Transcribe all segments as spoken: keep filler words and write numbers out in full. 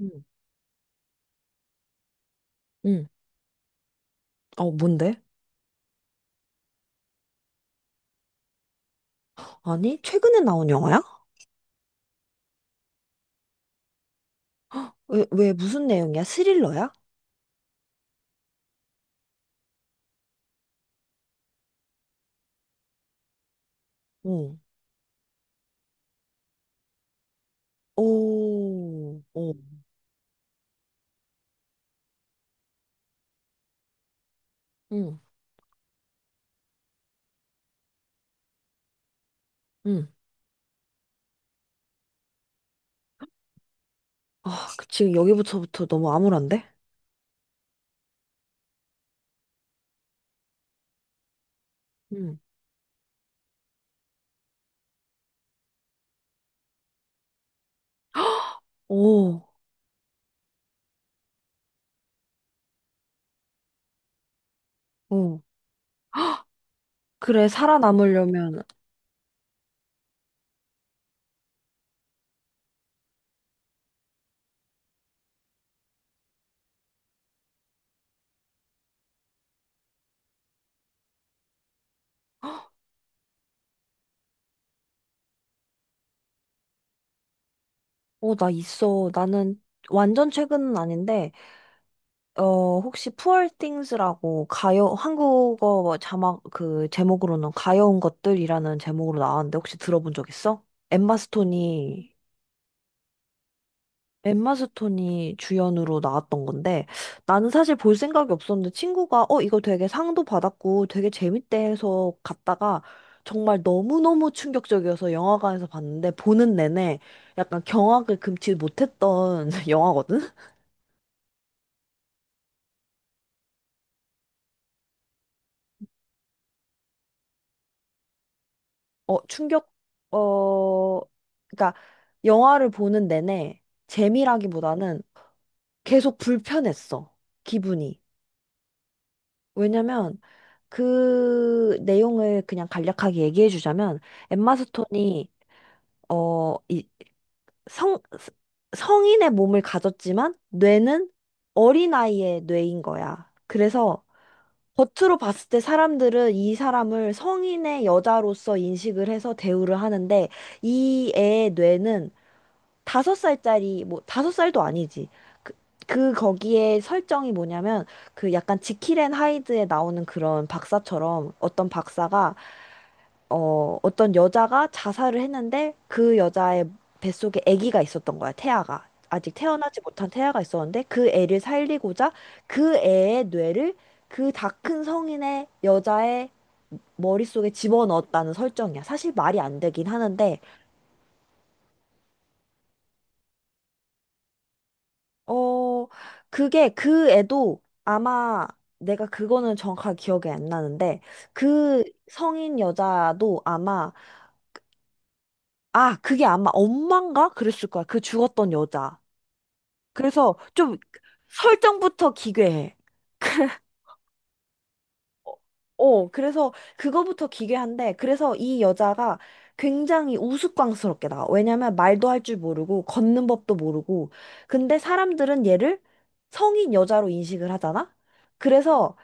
응, 응, 어, 뭔데? 아니, 최근에 나온 영화야? 왜, 왜 무슨 내용이야? 스릴러야? 응. 오, 오, 응, 응. 아, 그- 지금 여기부터부터 너무 암울한데? 응. 오, 어. 그래, 살아남으려면, 어, 나 있어. 나는 완전 최근은 아닌데, 어, 혹시 Poor Things라고 가요, 한국어 자막, 그, 제목으로는 가여운 것들이라는 제목으로 나왔는데, 혹시 들어본 적 있어? 엠마 스톤이 엠마 스톤이 주연으로 나왔던 건데 나는 사실 볼 생각이 없었는데 친구가 어 이거 되게 상도 받았고 되게 재밌대 해서 갔다가 정말 너무너무 충격적이어서 영화관에서 봤는데 보는 내내 약간 경악을 금치 못했던 영화거든? 어 충격 어 그러니까 영화를 보는 내내 재미라기보다는 계속 불편했어, 기분이. 왜냐면 그 내용을 그냥 간략하게 얘기해 주자면 엠마 스톤이 어, 이 성, 성인의 몸을 가졌지만 뇌는 어린아이의 뇌인 거야. 그래서 겉으로 봤을 때 사람들은 이 사람을 성인의 여자로서 인식을 해서 대우를 하는데 이 애의 뇌는 다섯 살짜리 뭐 다섯 살도 아니지. 그, 그 거기에 설정이 뭐냐면 그 약간 지킬 앤 하이드에 나오는 그런 박사처럼 어떤 박사가 어, 어떤 여자가 자살을 했는데 그 여자의 뱃속에 아기가 있었던 거야, 태아가. 아직 태어나지 못한 태아가 있었는데 그 애를 살리고자 그 애의 뇌를 그 다 큰 성인의 여자의 머릿속에 집어넣었다는 설정이야. 사실 말이 안 되긴 하는데, 어, 그게 그 애도 아마 내가 그거는 정확하게 기억이 안 나는데 그 성인 여자도 아마, 아, 그게 아마 엄마인가 그랬을 거야. 그 죽었던 여자. 그래서 좀 설정부터 기괴해. 어, 어, 그래서 그거부터 기괴한데, 그래서 이 여자가 굉장히 우스꽝스럽게 나와. 왜냐면 말도 할 줄 모르고, 걷는 법도 모르고. 근데 사람들은 얘를 성인 여자로 인식을 하잖아? 그래서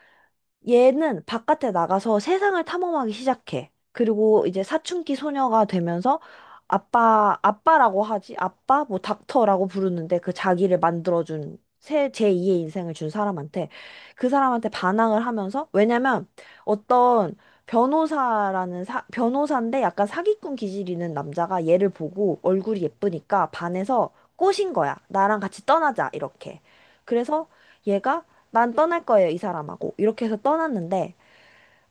얘는 바깥에 나가서 세상을 탐험하기 시작해. 그리고 이제 사춘기 소녀가 되면서 아빠, 아빠라고 하지? 아빠? 뭐 닥터라고 부르는데 그 자기를 만들어준 새, 제2의 인생을 준 사람한테, 그 사람한테 반항을 하면서. 왜냐면 어떤 변호사라는 사, 변호사인데 약간 사기꾼 기질 있는 남자가 얘를 보고 얼굴이 예쁘니까 반해서 꼬신 거야. 나랑 같이 떠나자, 이렇게. 그래서 얘가 난 떠날 거예요, 이 사람하고. 이렇게 해서 떠났는데,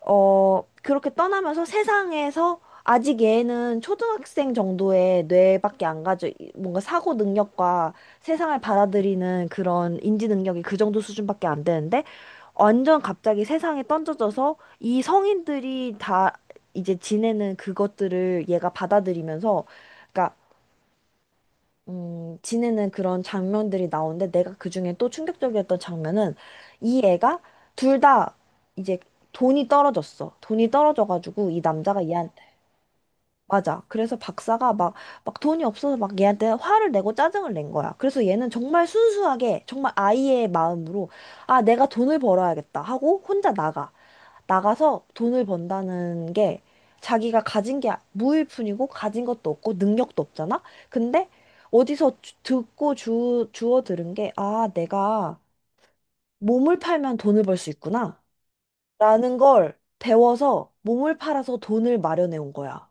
어, 그렇게 떠나면서 세상에서 아직 얘는 초등학생 정도의 뇌밖에 안 가져, 뭔가 사고 능력과 세상을 받아들이는 그런 인지 능력이 그 정도 수준밖에 안 되는데, 완전 갑자기 세상에 던져져서 이 성인들이 다 이제 지내는 그것들을 얘가 받아들이면서, 그러니까 음, 지내는 그런 장면들이 나오는데, 내가 그중에 또 충격적이었던 장면은 이 애가 둘 다 이제 돈이 떨어졌어. 돈이 떨어져가지고 이 남자가 얘한테. 맞아. 그래서 박사가 막, 막 돈이 없어서 막 얘한테 화를 내고 짜증을 낸 거야. 그래서 얘는 정말 순수하게 정말 아이의 마음으로, 아, 내가 돈을 벌어야겠다 하고 혼자 나가. 나가서 돈을 번다는 게 자기가 가진 게 무일 뿐이고 가진 것도 없고 능력도 없잖아? 근데 어디서 주- 듣고 주, 주워 들은 게, 아, 내가 몸을 팔면 돈을 벌 수 있구나 라는 걸 배워서 몸을 팔아서 돈을 마련해 온 거야.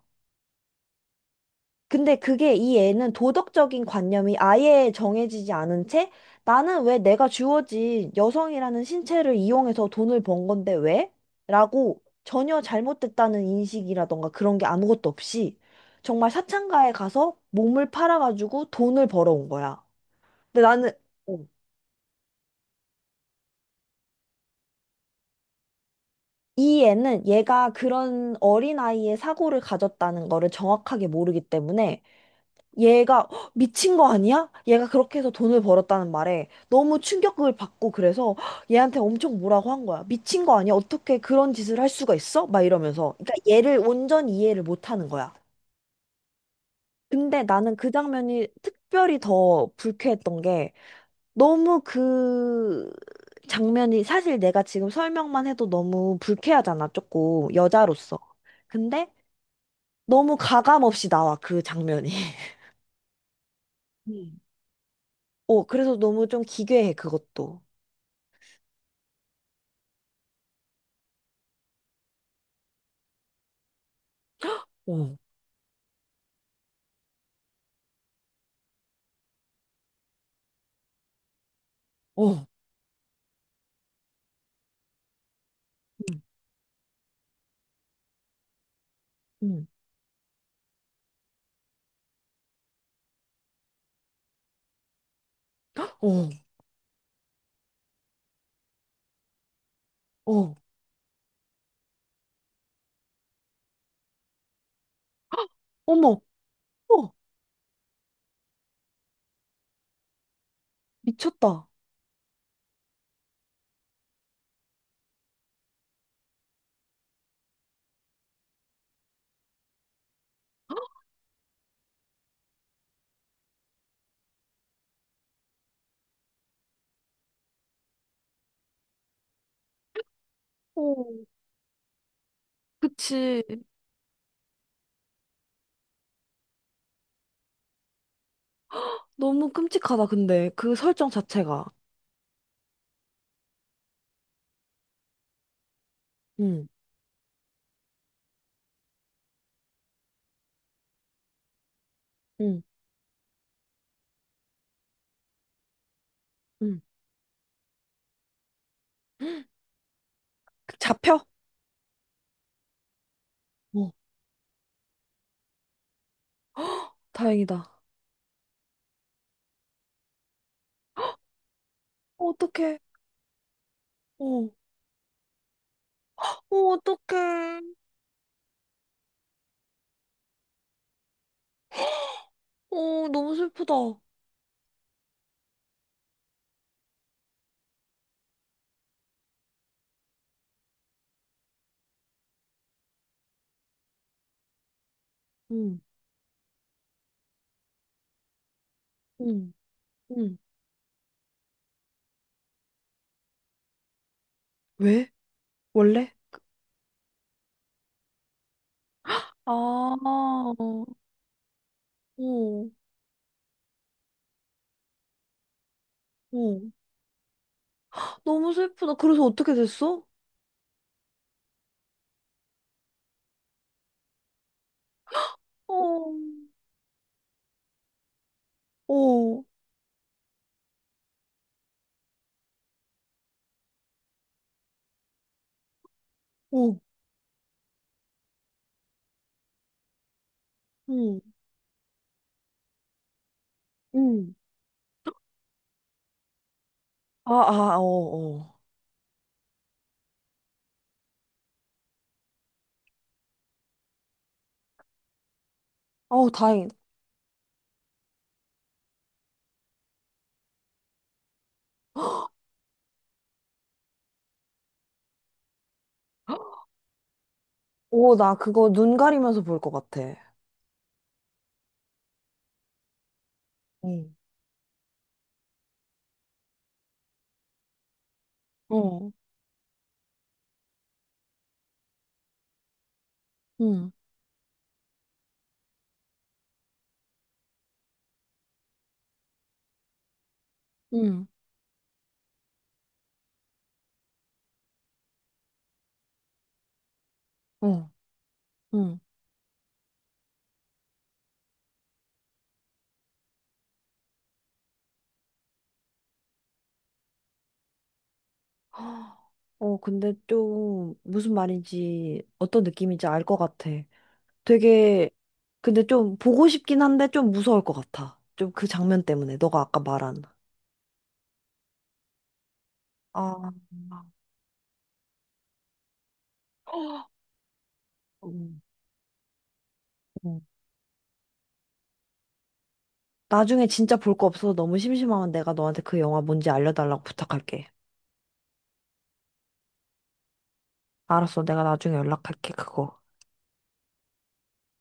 근데 그게, 이 애는 도덕적인 관념이 아예 정해지지 않은 채 나는 왜 내가 주어진 여성이라는 신체를 이용해서 돈을 번 건데 왜? 라고, 전혀 잘못됐다는 인식이라던가 그런 게 아무것도 없이 정말 사창가에 가서 몸을 팔아가지고 돈을 벌어온 거야. 근데 나는, 어, 이 애는 얘가 그런 어린아이의 사고를 가졌다는 거를 정확하게 모르기 때문에, 얘가 "헉, 미친 거 아니야? 얘가 그렇게 해서 돈을 벌었다는 말에 너무 충격을 받고 그래서 "헉," 얘한테 엄청 뭐라고 한 거야. 미친 거 아니야? 어떻게 그런 짓을 할 수가 있어? 막 이러면서. 그러니까 얘를 온전히 이해를 못 하는 거야. 근데 나는 그 장면이 특별히 더 불쾌했던 게, 너무 그 장면이, 사실 내가 지금 설명만 해도 너무 불쾌하잖아, 조금 여자로서. 근데 너무 가감 없이 나와, 그 장면이. 어, 그래서 너무 좀 기괴해, 그것도. 어, 어, 음. 음. 어, 어. 어머, 어, 미쳤다. 어, 그치. 너무 끔찍하다, 근데. 그 설정 자체가. 응, 응, 응, 잡혀? 어, 다행이다. 어떡해. 어, 어, 어떡해. 어, 너무 슬프다. 응, 응, 응, 왜? 원래? 아, 어, 어. 너무 슬프다. 그래서 어떻게 됐어? 어, 어. 응, 응, 응. 아, 아, 어, 어. 어우, 다행이다. 오, 나 그거 눈 가리면서 볼 것 같아. 응, 어, 응, 응, 어, 응. 헉, 어, 근데 좀 무슨 말인지 어떤 느낌인지 알 것 같아. 되게, 근데 좀 보고 싶긴 한데 좀 무서울 것 같아. 좀 그 장면 때문에, 너가 아까 말한. 아, 음, 음. 나중에 진짜 볼 거 없어서 너무 심심하면 내가 너한테 그 영화 뭔지 알려달라고 부탁할게. 알았어. 내가 나중에 연락할게, 그거.